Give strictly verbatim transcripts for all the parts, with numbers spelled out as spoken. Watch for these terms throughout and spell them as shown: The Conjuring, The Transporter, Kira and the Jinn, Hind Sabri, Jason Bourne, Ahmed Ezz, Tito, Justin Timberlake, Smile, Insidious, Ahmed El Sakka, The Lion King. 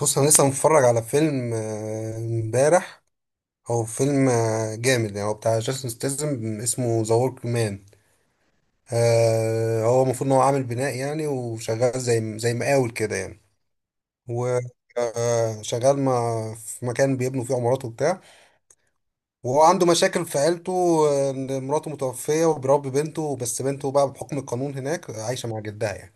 بص، انا لسه متفرج على فيلم، آه، امبارح. هو فيلم، آه، جامد يعني. هو بتاع جاستن ستيزم، اسمه ذا ورك مان. آه، هو المفروض ان هو عامل بناء يعني، وشغال زي زي مقاول كده يعني. و آه، شغال مع في مكان بيبنوا فيه عمارات وبتاع، وهو عنده مشاكل في عيلته. آه، ان مراته متوفية، وبيربي بنته، بس بنته بقى بحكم القانون هناك عايشة مع جدها يعني.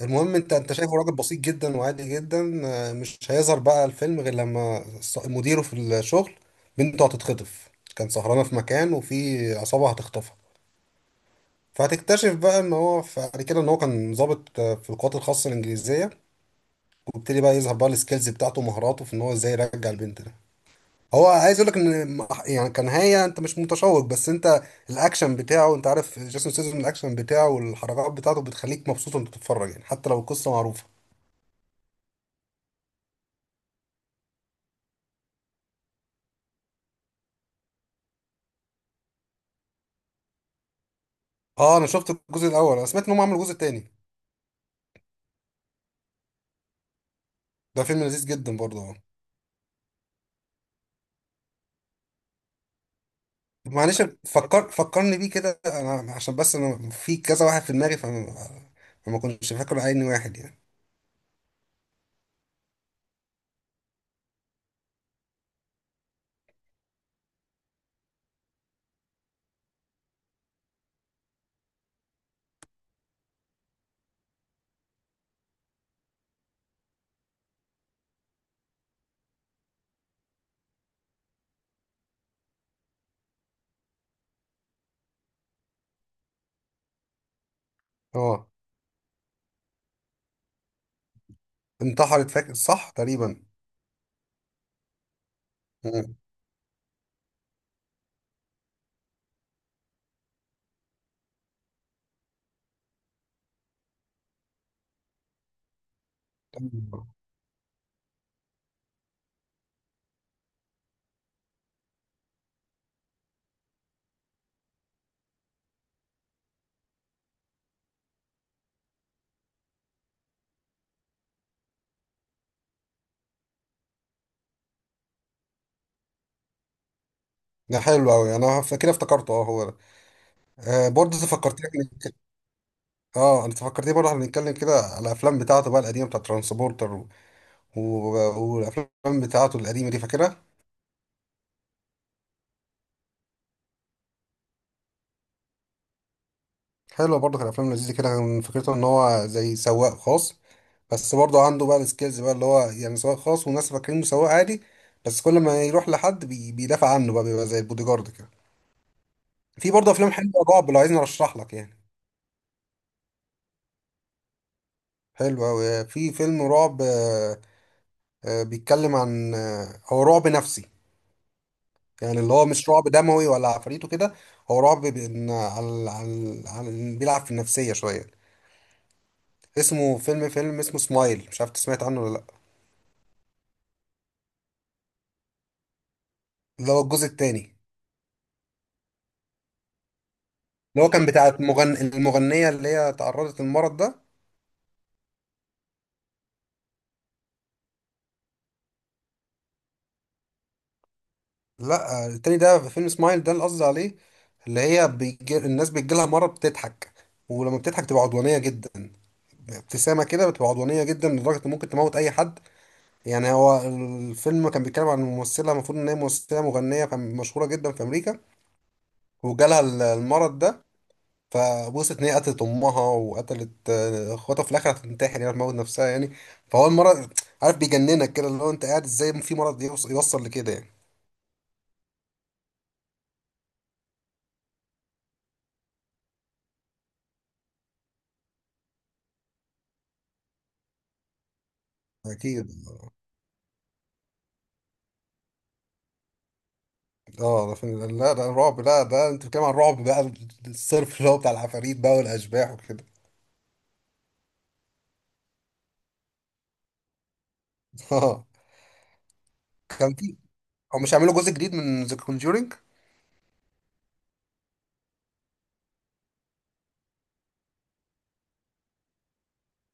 المهم، انت انت شايفه راجل بسيط جدا وعادي جدا. آه، مش هيظهر بقى الفيلم غير لما الص- مديره في الشغل بنته هتتخطف. كان سهرانه في مكان، وفي عصابه هتخطفها. فهتكتشف بقى ان هو ف- بعد كده ان هو كان ضابط آه، في القوات الخاصه الانجليزيه. وابتدي بقى يظهر بقى السكيلز بتاعته ومهاراته في ان هو ازاي يرجع البنت ده. هو عايز اقول لك ان م- يعني، كان هي، انت مش متشوق، بس انت الاكشن بتاعه. انت عارف جيسون سيزون، الاكشن بتاعه والحركات بتاعته بتخليك مبسوط وانت بتتفرج، يعني حتى لو القصه معروفه. اه، انا شفت الجزء الاول. انا سمعت ان هم عملوا جزء تاني. ده فيلم لذيذ جدا برضه، اه. معلش، فكر فكرني بيه كده. انا عشان بس انا في كذا واحد في دماغي، فما فما كنتش فاكر عيني واحد يعني. اه، انتحرت، فاكر صح تقريبا. مم. ده حلو قوي، انا فاكر افتكرته، اه هو ده. آه، برضه انت فكرتني إحنا- اه، انت فكرتني برضه، احنا بنتكلم كده على الافلام بتاعته بقى القديمه بتاعت ترانسبورتر و... و... والافلام بتاعته القديمه دي فاكرها. حلوة برضه، كان أفلام لذيذة كده. كان فكرته إن هو زي سواق خاص، بس برضه عنده بقى السكيلز بقى، اللي هو يعني سواق خاص والناس فاكرينه سواق عادي. بس كل ما يروح لحد بي بيدافع عنه بقى، بيبقى زي البودي جارد كده. في برضه أفلام حلوة رعب لو عايزني أرشح لك يعني. حلو أوي. في فيلم رعب، آه، آه، بيتكلم عن، آه، هو رعب نفسي يعني، اللي هو مش رعب دموي ولا عفريت وكده. هو رعب بإن، على على على- بيلعب في النفسية شوية. اسمه فيلم، فيلم اسمه سمايل، مش عارف إنت سمعت عنه ولا لأ. اللي هو الجزء التاني. اللي هو كان بتاع المغن... المغنية اللي هي تعرضت للمرض ده. لا، التاني ده، في فيلم سمايل ده اللي قصدي عليه. اللي هي بيجي... الناس بيجيلها مرض بتضحك، ولما بتضحك تبقى عدوانية جدا. ابتسامة كده بتبقى عدوانية جدا لدرجة إن ممكن تموت أي حد. يعني هو الفيلم كان بيتكلم عن ممثلة، المفروض إن هي ممثلة مغنية كان مشهورة جدا في أمريكا، وجالها ال- المرض ده. فوصلت ان هي قتلت امها، وقتلت آه، اخواتها، في الاخر هتنتحر يعني، تموت نفسها يعني. فهو المرض، عارف، بيجننك كده، اللي هو انت قاعد ازاي في مرض يوص- يوصل لكده يعني. اكيد. اه، ده فيلم- لا، ده الرعب. لا، ده انت بتتكلم عن الرعب بقى الصرف، اللي هو بتاع العفاريت بقى والاشباح وكده. اه. كان في، هو مش هيعملوا جزء جديد من ذا كونجورينج؟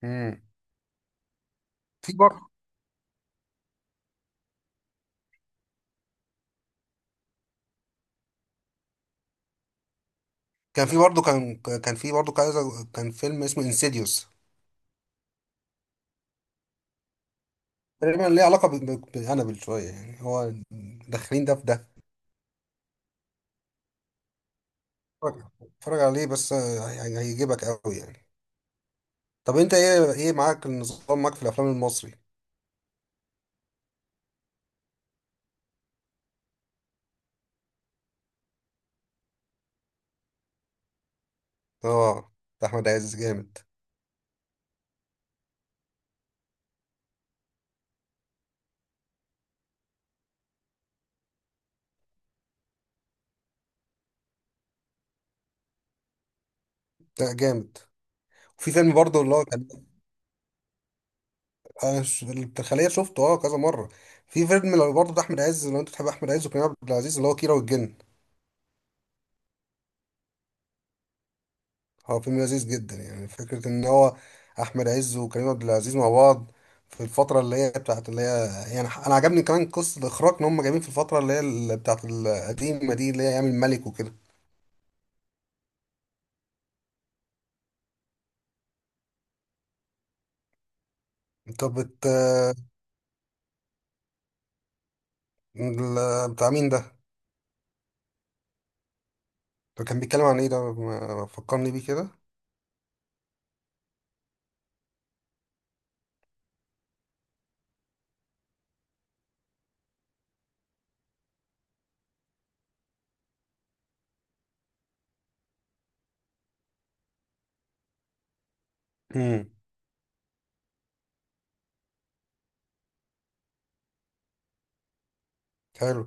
امم. في برضه كان في برضه كان كان في برضه كذا كان فيلم اسمه انسيديوس. تقريبا ليه علاقه ب- ب- بانابل شويه يعني، هو داخلين ده في ده. اتفرج، اتفرج عليه بس، آه، يعني هيجيبك قوي يعني. طب انت ايه ايه معاك النظام، معاك في الافلام المصري؟ اه، ده احمد عز جامد. لا، جامد. وفي فيلم برضه اللي هو كان. انا ش- الخلية شفته اه كذا مرة. في فيلم اللي برضه ده احمد عز، لو انت بتحب احمد عز وكريم عبد العزيز، اللي هو كيرة والجن. هو فيلم لذيذ جدا، يعني فكرة ان هو احمد عز وكريم عبد العزيز مع بعض في الفترة اللي هي بتاعت اللي هي، يعني ح- انا عجبني كمان قصة الاخراج ان هم جايبين في الفترة اللي هي ال- بتاعت القديمة دي، اللي هي ايام الملك وكده. طب بت... ال- بتاع مين ده؟ ده كان بيتكلم عن ايه ده؟ ما- فكرني بيه كده. امم. حلو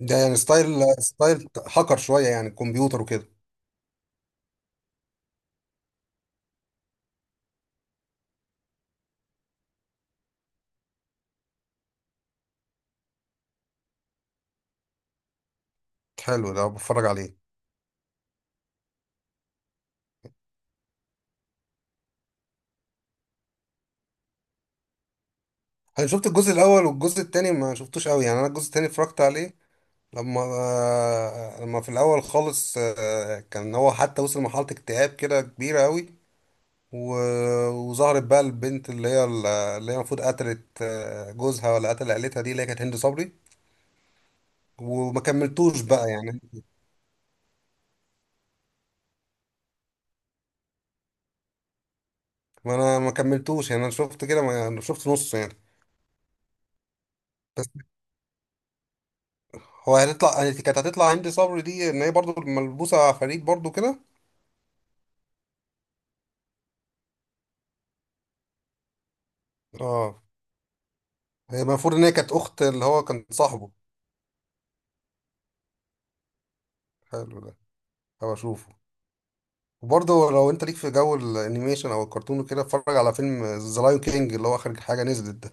ده. يعني ستايل ستايل هاكر شوية، يعني كمبيوتر وكده. حلو ده، بتفرج عليه. انا شفت الجزء الاول، والجزء التاني ما شفتوش قوي يعني. انا الجزء التاني اتفرجت عليه لما آه، لما في الاول خالص، آه، كان هو حتى وصل لمرحلة اكتئاب كده كبيرة قوي، و... وظهرت بقى البنت اللي هي اللي هي المفروض قتلت آه، جوزها، ولا قتل عيلتها دي، اللي هي كانت هند صبري. وما كملتوش بقى يعني. ما انا ما كملتوش يعني، انا شفت كده، ما يعني، شفت نص يعني. بس هو هتطلع، هي كانت هتطلع هندي صبري دي ان هي برضو ملبوسه فريد برضو كده. اه، هي المفروض ان هي كانت اخت اللي هو كان صاحبه. حلو ده، هبقى اشوفه. وبرضه لو انت ليك في جو الانيميشن او الكرتون وكده، اتفرج على فيلم ذا لايون كينج اللي هو اخر حاجه نزلت ده.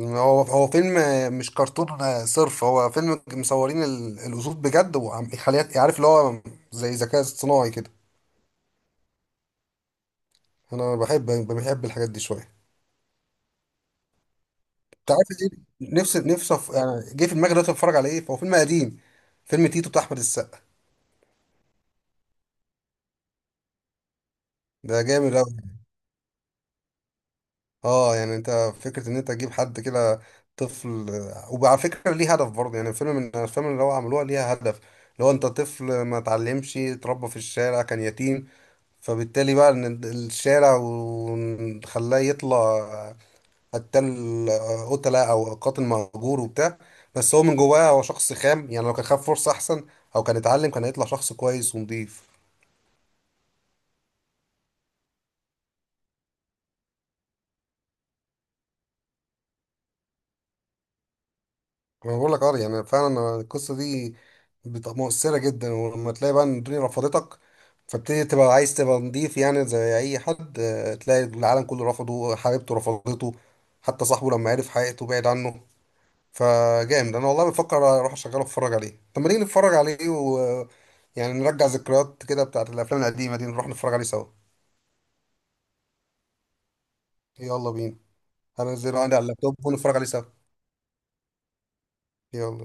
هو هو فيلم، مش كرتون. صرف هو فيلم مصورين ال- الاسود بجد، وعم- يخليها عارف، اللي هو زي ذكاء اصطناعي كده. انا بحب بحب الحاجات دي شويه. انت عارف ايه، نفسي نفسي أف... يعني جه في دماغي دلوقتي اتفرج على ايه، فهو فيلم قديم. فيلم تيتو بتاع احمد السقا. ده جامد اوي. اه، يعني انت، فكره ان انت تجيب حد كده طفل، وعلى فكره ليه هدف برضه يعني. الفيلم من الافلام اللي هو عملوها ليها هدف، اللي هو انت طفل ما اتعلمش، اتربى في الشارع، كان يتيم، فبالتالي بقى ان الشارع وخلاه يطلع قتال، آه، قتلة او قاتل مأجور وبتاع. بس هو من جواه هو شخص خام يعني، لو كان خد فرصة احسن او كان اتعلم، كان هيطلع شخص كويس ونضيف. انا بقول لك اه، يعني فعلا القصة دي بت- مؤثرة جدا. ولما تلاقي بقى ان الدنيا رفضتك، فبتبتدي تبقى عايز تبقى نضيف يعني. زي اي حد آه، تلاقي العالم كله رفضه، حبيبته رفضته، حتى صاحبه لما عرف حقيقته بعد عنه. فجامد، انا والله بفكر اروح اشغله اتفرج عليه. طب ما نيجي نتفرج عليه، و يعني نرجع ذكريات كده بتاعت الافلام القديمه دي، نروح نتفرج عليه سوا. يلا بينا. هنزله عندي على اللابتوب ونتفرج عليه سوا. يلا.